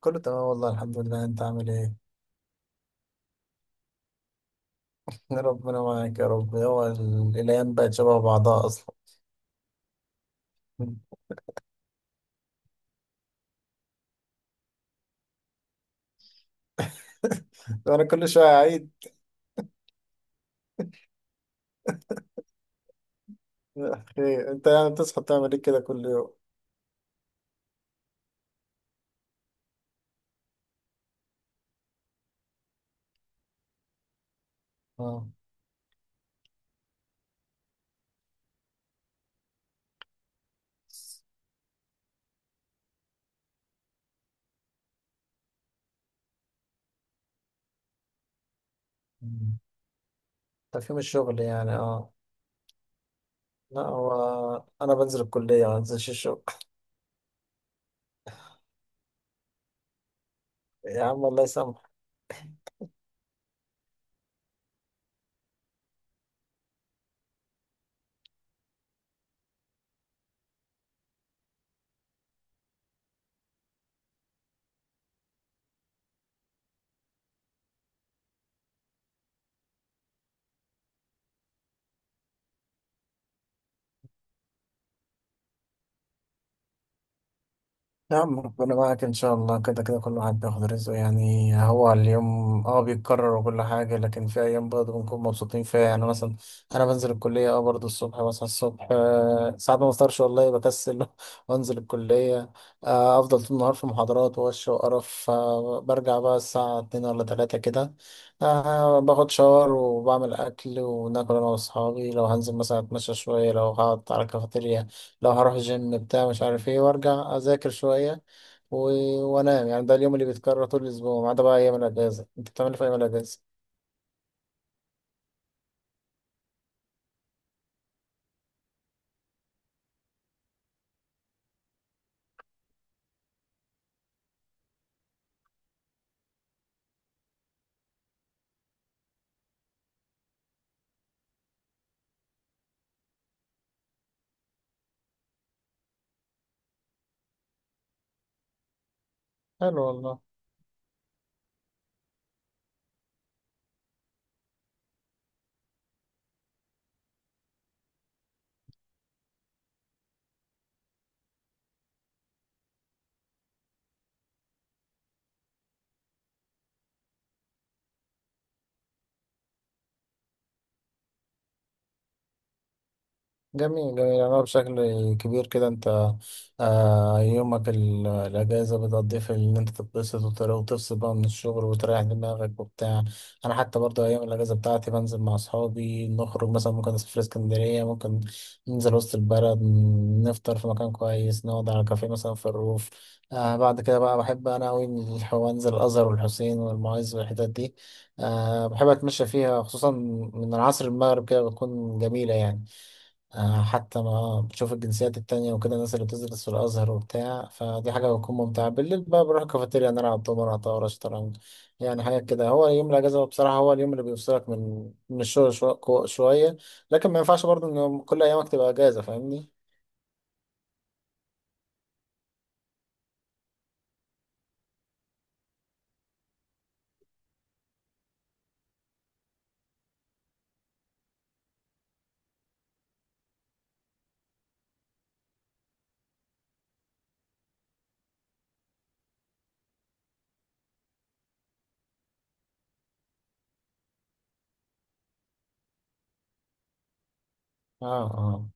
كله تمام والله الحمد لله. انت عامل ايه؟ ربنا معاك يا رب. هو الايام بقت شبه بعضها اصلا. انا كل شويه اعيد. خير، انت يعني بتصحى تعمل ايه كده كل يوم؟ اه. مم. تفهيم الشغل يعني. اه، لا هو انا بنزل الكليه ما بنزلش الشغل. يا عم الله يسامحك. نعم، ربنا معك إن شاء الله. كده كده كل واحد بياخد رزقه. يعني هو اليوم اه بيتكرر وكل حاجة، لكن في أيام برضه بنكون مبسوطين فيها. يعني مثلا أنا بنزل الكلية اه برضه الصبح، بصحى الصبح، ساعات ما بفطرش والله، بكسل وأنزل الكلية. أفضل طول النهار في محاضرات ووش وقرف. برجع بقى الساعة اتنين ولا تلاتة كده. باخد شاور وبعمل أكل وناكل أنا وأصحابي. لو هنزل مثلا أتمشى شوية، لو هقعد على الكافيتيريا، لو هروح الجيم بتاع مش عارف ايه، وارجع اذاكر شوية و... وانام. يعني ده اليوم اللي بيتكرر طول الاسبوع ما عدا بقى ايام الاجازة. انت بتعمل إيه في ايام الاجازة؟ حلو والله. جميل جميل. أنا بشكل كبير كده أنت آه يومك الأجازة بتقضيه في إن أنت تتبسط وتفصل بقى من الشغل وتريح دماغك وبتاع. أنا حتى برضه أيام الأجازة بتاعتي بنزل مع أصحابي نخرج، مثلا ممكن نسافر اسكندرية، ممكن ننزل وسط البلد، نفطر في مكان كويس، نقعد على كافيه مثلا في الروف. آه بعد كده بقى بحب أنا أوي أنزل الأزهر والحسين والمعز والحتت دي. آه بحب أتمشى فيها خصوصا من العصر المغرب كده، بتكون جميلة يعني. حتى ما بتشوف الجنسيات التانية وكده، الناس اللي بتدرس في الأزهر وبتاع، فدي حاجة بتكون ممتعة. بالليل بقى بروح الكافيتيريا نلعب دومنة طاولة شطرنج، يعني حاجات كده. هو يوم الأجازة بصراحة هو اليوم اللي بيفصلك من من الشغل شوية، لكن ما ينفعش برضه إن كل أيامك تبقى أجازة، فاهمني؟ اه،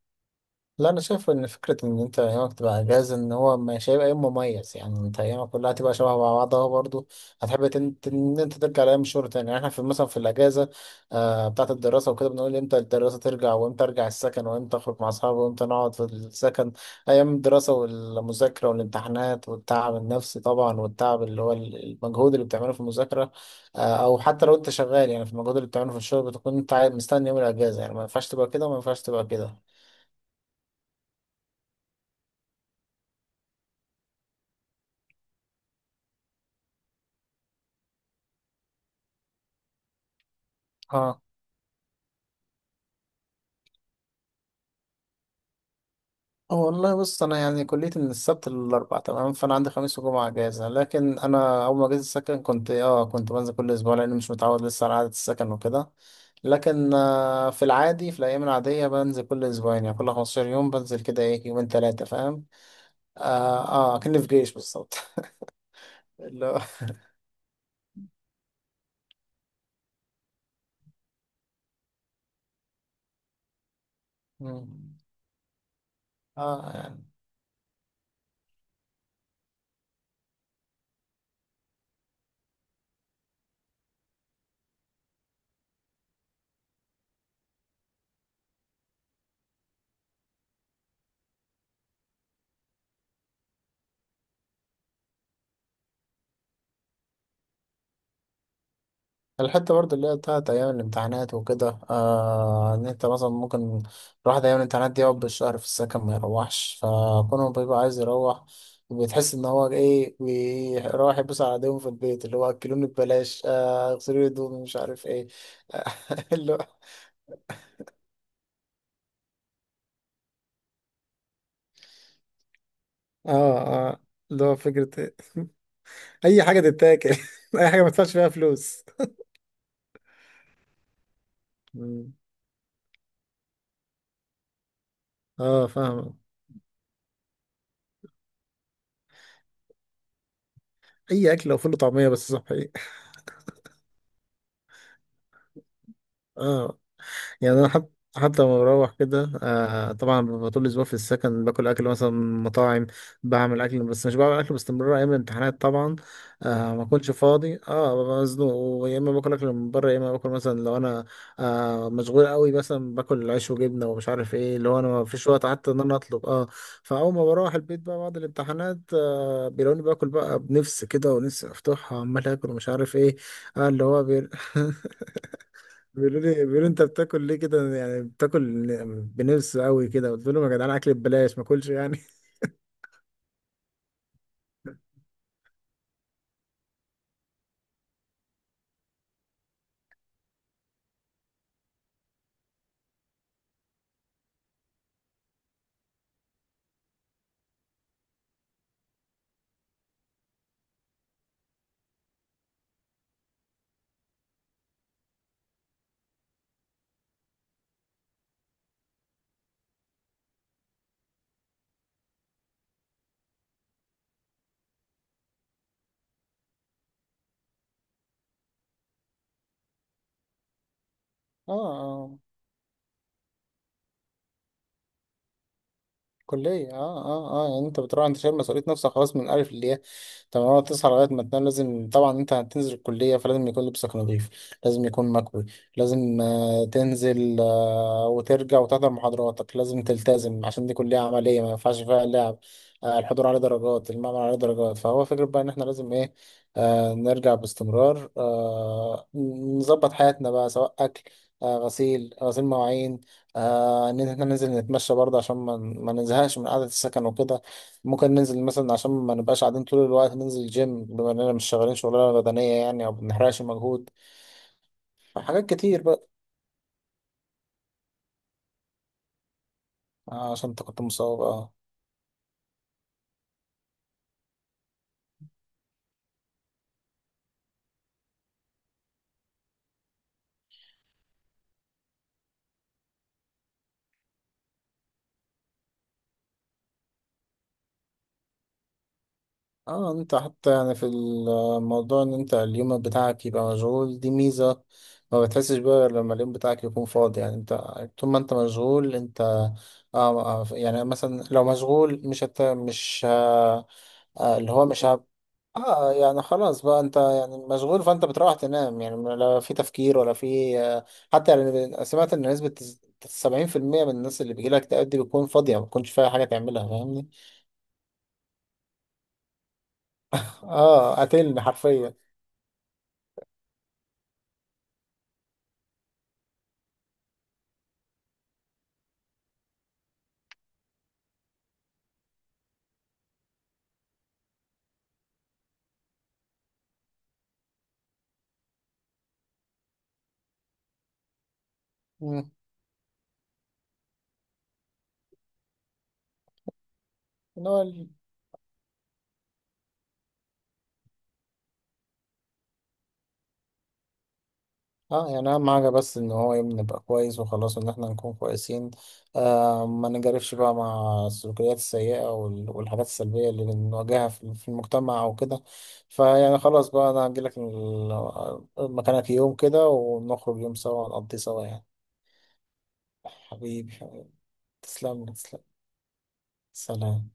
لا انا شايف ان فكره ان انت ايامك تبقى اجازه ان هو مش هيبقى يوم مميز. يعني انت ايامك كلها هتبقى شبه بعضها برضه. هتحب ان انت ترجع لايام الشغل تاني. يعني احنا في مثلا في الاجازه آه بتاعه الدراسه وكده بنقول امتى الدراسه ترجع، وامتى ارجع السكن، وامتى اخرج مع اصحابي، وامتى نقعد في السكن. ايام الدراسه والمذاكره والامتحانات والتعب النفسي طبعا، والتعب اللي هو المجهود اللي بتعمله في المذاكره. آه او حتى لو انت شغال يعني في المجهود اللي بتعمله في الشغل، بتكون انت مستني يوم الاجازه. يعني ما ينفعش تبقى كده وما ينفعش تبقى كده. والله بص انا يعني كليتي من السبت للاربع تمام، فانا عندي خميس وجمعه اجازه. لكن انا اول ما جيت السكن كنت اه كنت بنزل كل اسبوع، لاني مش متعود لسه على عاده السكن وكده. لكن في العادي في الايام العاديه بنزل كل اسبوعين، يعني كل 15 يوم بنزل كده ايه يومين ثلاثه، فاهم. اه اه، كأني في جيش بالظبط. اللي هو مم. اه يعني الحتة برضه اللي هي بتاعت أيام الامتحانات وكده، آه إن أنت مثلا ممكن الواحد أيام الامتحانات دي يقعد بالشهر في السكن ما يروحش، فكونه بيبقى عايز يروح، بتحس إن هو إيه بيروح يبص على إيديهم في البيت، اللي هو أكلوني ببلاش، آه اغسلوا لي هدومي، مش عارف إيه. آه اللي هو آه آه اللي هو فكرة أي حاجة تتاكل. أي حاجة ما تدفعش فيها فلوس. مم. آه فاهم. أي أكل لو فول وطعمية بس صحي. اه يعني انا حتى حتى لما بروح كده آه، طبعا ببقى طول الاسبوع في السكن باكل اكل مثلا من مطاعم، بعمل اكل بس مش بعمل اكل باستمرار. ايام الامتحانات طبعا آه ما اكونش فاضي، اه ببقى مزنوق، ويا اما باكل اكل من بره، يا اما باكل مثلا لو انا آه مشغول قوي مثلا باكل عيش وجبنه ومش عارف ايه، اللي هو انا ما فيش وقت حتى ان انا اطلب اه. فاول ما بروح البيت بقى بعد الامتحانات آه بيلاقوني باكل بقى بنفس كده، ونفسي افتحها عمال اكل ومش عارف ايه. آه اللي هو بي... بيقولوا لي انت بتاكل ليه كده؟ يعني بتاكل بنفس قوي كده. قلت لهم يا جدعان اكل ببلاش ما اكلش يعني. اه اه كلية، اه اه اه. يعني انت بتروح انت شايل مسؤولية نفسك خلاص من الألف للياء. طب هو تصحى لغاية ما تنام لازم طبعا، انت هتنزل الكلية فلازم يكون لبسك نظيف، لازم يكون مكوي، لازم آه تنزل آه وترجع وتحضر محاضراتك، لازم تلتزم عشان دي كلية عملية ما ينفعش فيها لعب. آه الحضور عليه درجات، المعمل عليه درجات، فهو فكرة بقى ان احنا لازم ايه، آه نرجع باستمرار، آه نظبط حياتنا بقى، سواء أكل آه غسيل مواعين، آه ان احنا ننزل نتمشى برضه عشان ما نزهقش من قعدة السكن وكده. ممكن ننزل مثلا عشان ما نبقاش قاعدين طول الوقت، ننزل جيم بما اننا مش شغالين شغلانة بدنية يعني او بنحرقش مجهود، حاجات كتير بقى. آه عشان انت كنت مصاب، اه. اه انت حتى يعني في الموضوع ان انت اليوم بتاعك يبقى مشغول دي ميزة. ما بتحسش بقى غير لما اليوم بتاعك يكون فاضي. يعني انت طول ما انت مشغول انت يعني مثلا لو مشغول مش آه آه، اللي هو مش هب... اه يعني خلاص بقى انت يعني مشغول، فانت بتروح تنام، يعني لا في تفكير ولا في حتى يعني سمعت ان نسبة 70% من الناس اللي بيجيلها اكتئاب دي بتكون فاضية، ما بتكونش فيها حاجة تعملها، فاهمني؟ اه قاتلني حرفيا. مم. اللي هو اه يعني اهم حاجة بس ان هو يبني يبقى نبقى كويس وخلاص، ان احنا نكون كويسين. آه ما نجرفش بقى مع السلوكيات السيئة والحاجات السلبية اللي بنواجهها في في المجتمع او كده. فيعني خلاص بقى انا هجيلك مكانك يوم كده ونخرج يوم سوا نقضي سوا يعني. حبيبي حبيبي. تسلم لي، تسلم. سلام.